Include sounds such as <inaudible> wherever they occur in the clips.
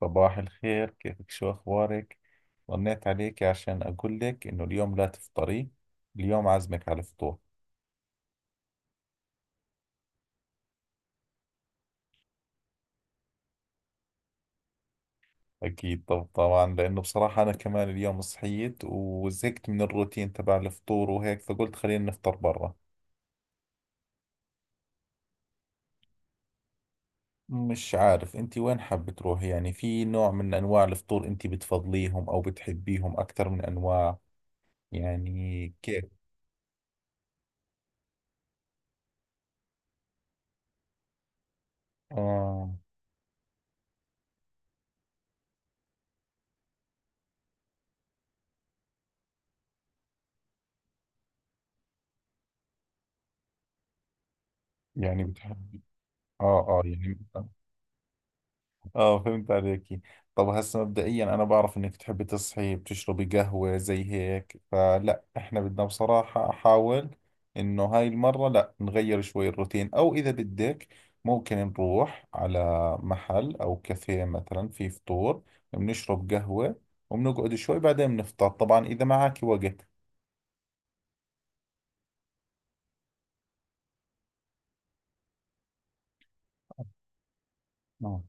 صباح الخير، كيفك؟ شو أخبارك؟ رنيت عليك عشان أقول لك إنه اليوم لا تفطري. اليوم عازمك على الفطور. أكيد. طب طبعا، لأنه بصراحة أنا كمان اليوم صحيت وزهقت من الروتين تبع الفطور وهيك، فقلت خلينا نفطر برا. مش عارف أنت وين حابة تروحي، يعني في نوع من أنواع الفطور أنت بتفضليهم أو بتحبيهم أكثر من أنواع؟ يعني كيف؟ آه، يعني بتحبي. آه آه يعني. اه، فهمت عليكي. طب هسه مبدئيا انا بعرف انك تحبي تصحي بتشربي قهوة زي هيك، فلا احنا بدنا بصراحة احاول انه هاي المرة لا نغير شوي الروتين، او اذا بدك ممكن نروح على محل او كافيه مثلا، في فطور بنشرب قهوة وبنقعد شوي، بعدين بنفطر. طبعا اذا معك وقت. اه.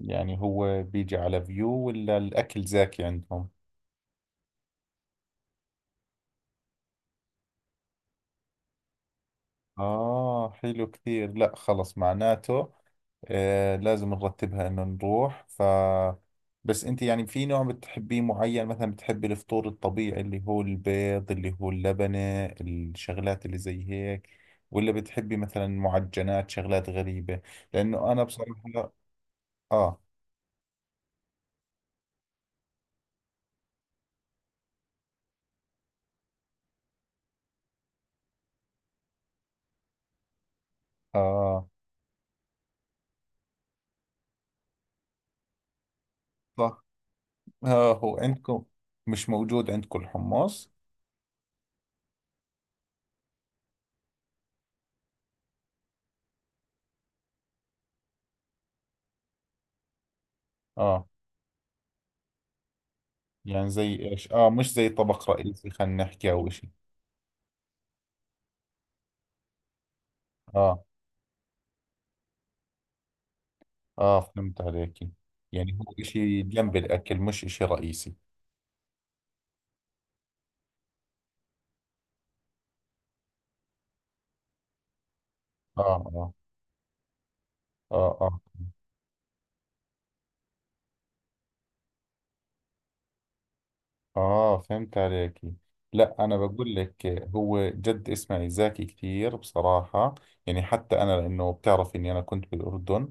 يعني هو بيجي على فيو ولا الاكل زاكي عندهم؟ اه حلو كثير. لا خلص، معناته آه لازم نرتبها انه نروح. بس انت يعني في نوع بتحبيه معين؟ مثلا بتحبي الفطور الطبيعي اللي هو البيض، اللي هو اللبنة، الشغلات اللي زي هيك، ولا بتحبي مثلا معجنات، شغلات غريبة؟ لانه انا بصراحة اه اه آه، صح. اه، هو عندكم مش موجود عندكم الحمص؟ اه، يعني زي ايش؟ اه، مش زي طبق رئيسي خلينا نحكي، او اشي. اه اه، فهمت عليكي. يعني هو اشي جنب الاكل مش اشي رئيسي. اه اه. اه اه. اه، فهمت عليك. لا انا بقول لك، هو جد اسمعي، زاكي كثير بصراحة. يعني حتى انا لانه بتعرف اني انا كنت بالاردن،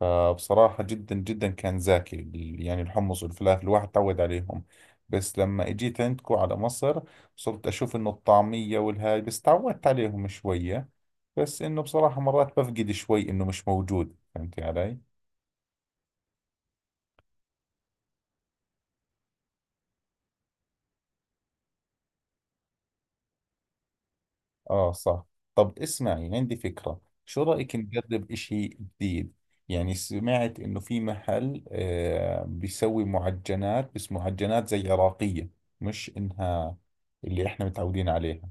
فبصراحة جدا جدا كان زاكي يعني الحمص والفلافل، الواحد تعود عليهم. بس لما اجيت عندكم على مصر، صرت اشوف انه الطعمية والهاي، بس تعودت عليهم شوية. بس انه بصراحة مرات بفقد شوي انه مش موجود، فهمتي علي؟ آه صح. طب اسمعي، عندي فكرة، شو رأيك نجرب إشي جديد؟ يعني سمعت إنه في محل آه بيسوي معجنات، بس معجنات زي عراقية، مش إنها اللي إحنا متعودين عليها.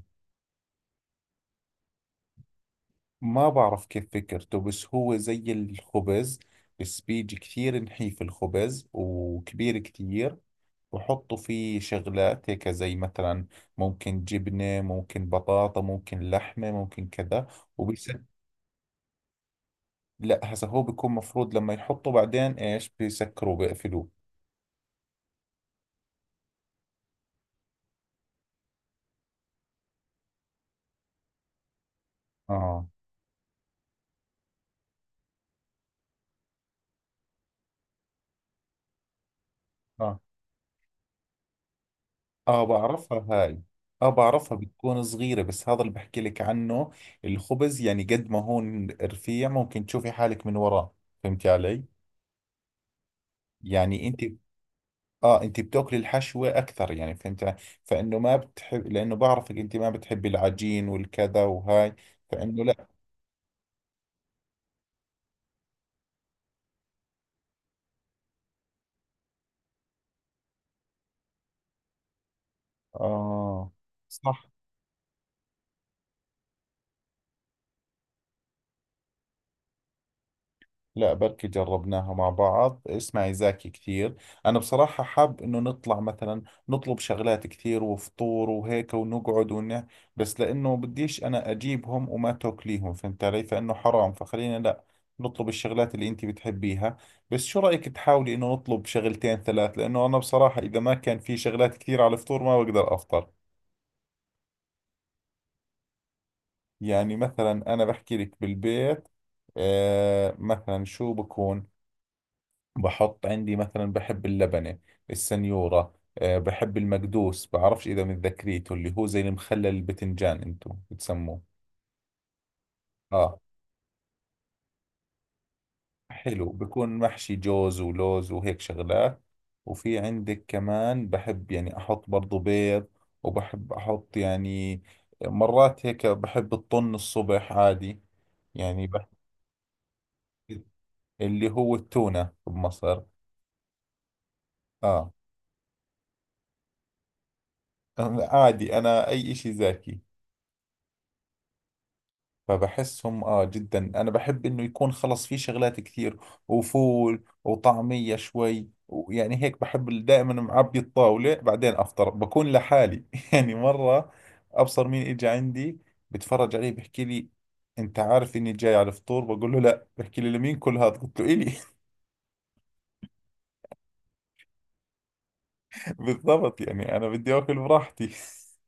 ما بعرف كيف فكرته، بس هو زي الخبز، بس بيجي كثير نحيف الخبز، وكبير كثير، وحطوا فيه شغلات هيك زي مثلا ممكن جبنة، ممكن بطاطا، ممكن لحمة، ممكن كذا. لا هسه هو بيكون مفروض، لما يحطوا بعدين ايش بيسكروا بيقفلوه. اه. اه. اه بعرفها هاي. اه بعرفها، بتكون صغيرة، بس هذا اللي بحكي لك عنه. الخبز يعني قد ما هون رفيع ممكن تشوفي حالك من وراه. فهمتي علي؟ يعني انت اه، انت بتاكلي الحشوة اكثر يعني، فهمت علي؟ فانه ما بتحب لانه بعرفك انت ما بتحبي العجين والكذا وهاي، فانه لا. اه صح. لا بركي جربناها مع بعض. اسمعي، زاكي كثير. أنا بصراحة حاب إنه نطلع مثلا، نطلب شغلات كثير وفطور وهيك، ونقعد ونه، بس لأنه بديش أنا أجيبهم وما تاكليهم، فهمت علي؟ فإنه حرام، فخلينا لا، نطلب الشغلات اللي أنت بتحبيها. بس شو رأيك تحاولي إنه نطلب شغلتين ثلاث، لأنه أنا بصراحة إذا ما كان في شغلات كثير على الفطور ما بقدر أفطر. يعني مثلا أنا بحكي لك بالبيت، آه مثلا شو بكون، بحط عندي مثلا بحب اللبنة، السنيورة، أه بحب المقدوس، بعرفش إذا متذكريته، اللي هو زي المخلل البتنجان أنتم بتسموه. آه حلو، بكون محشي جوز ولوز وهيك شغلات. وفي عندك كمان بحب يعني أحط برضو بيض، وبحب أحط يعني مرات هيك بحب الطن الصبح عادي. يعني بحب اللي هو التونة بمصر. آه. <laughs> عادي، أنا أي إشي زاكي. فبحسهم اه جدا، انا بحب انه يكون خلص في شغلات كثير، وفول وطعمية شوي، ويعني هيك بحب دائما معبي الطاولة بعدين افطر بكون لحالي. <laughs> يعني مرة ابصر مين اجى عندي، بتفرج عليه بحكي لي انت عارف اني جاي على الفطور؟ بقول له لا، بحكي لي لمين كل هذا؟ قلت له الي. <laughs> بالضبط، يعني انا بدي اكل براحتي. <laughs>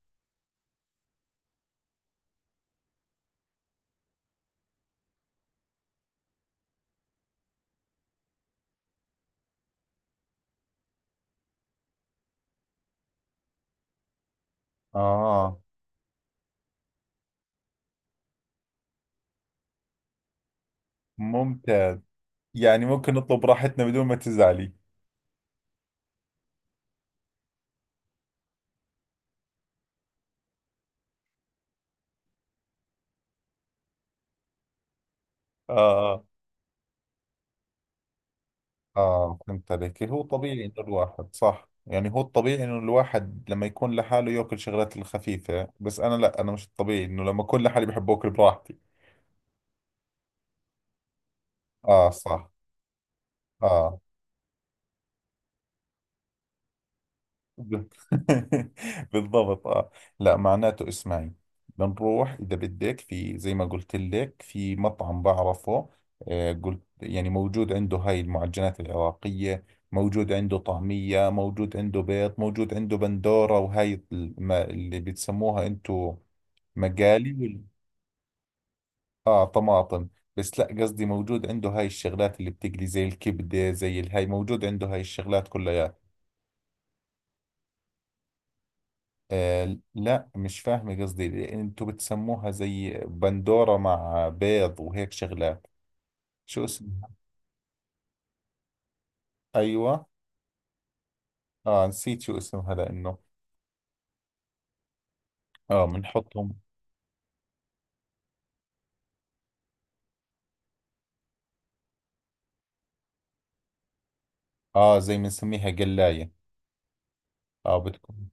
اه ممتاز، يعني ممكن نطلب راحتنا بدون ما تزعلي. اه. آه فهمت عليك. هو طبيعي إنه الواحد، صح، يعني هو الطبيعي إنه الواحد لما يكون لحاله يأكل شغلات الخفيفة، بس أنا لا، أنا مش الطبيعي إنه لما أكون لحالي بحب أكل براحتي. آه صح. آه. ب- <laughs> بالضبط اه. لا معناته اسمعي، بنروح اذا بدك في زي ما قلت لك في مطعم بعرفه، آه قلت يعني موجود عنده هاي المعجنات العراقية، موجود عنده طعمية، موجود عنده بيض، موجود عنده بندورة، وهاي اللي بتسموها انتو مقالي، اه طماطم، بس لا قصدي موجود عنده هاي الشغلات اللي بتقلي زي الكبدة، زي الهاي، موجود عنده هاي الشغلات كلها. آه لا، مش فاهم قصدي، لأن انتوا بتسموها زي بندورة مع بيض وهيك شغلات، شو اسم؟ ايوه. اه نسيت شو اسمها لانه. اه بنحطهم. اه زي بنسميها قلاية. اه بتكون،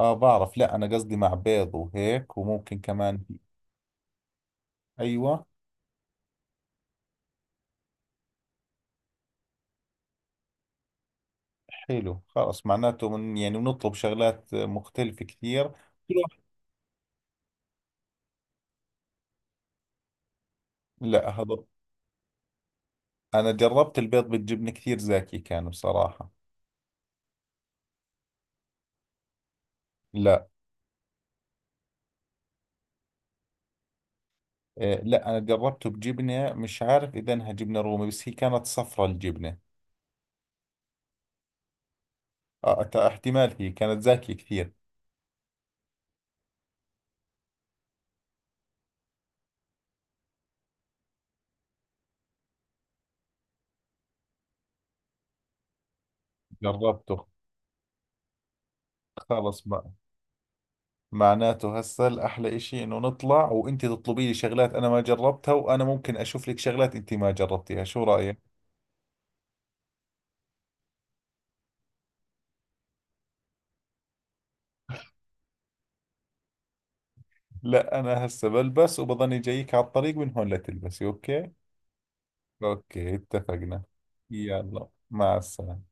اه بعرف، لا انا قصدي مع بيض وهيك وممكن كمان. ايوه. حلو خلاص، معناته من يعني بنطلب شغلات مختلفة كثير. كل واحد- لا هذا، انا جربت البيض بالجبنة كثير، زاكي كان بصراحة. لا. آه، لا أنا جربته بجبنة مش عارف إذا إنها جبنة رومي، بس هي كانت صفرة الجبنة. آه احتمال، هي كانت زاكية كثير. جربته. خلص ما، معناته هسه الأحلى إشي إنه نطلع وأنت تطلبي لي شغلات أنا ما جربتها، وأنا ممكن أشوف لك شغلات أنت ما جربتيها، شو رأيك؟ لا أنا هسه بلبس وبظني جايك على الطريق، من هون لتلبسي، أوكي؟ أوكي اتفقنا. يلا مع السلامة.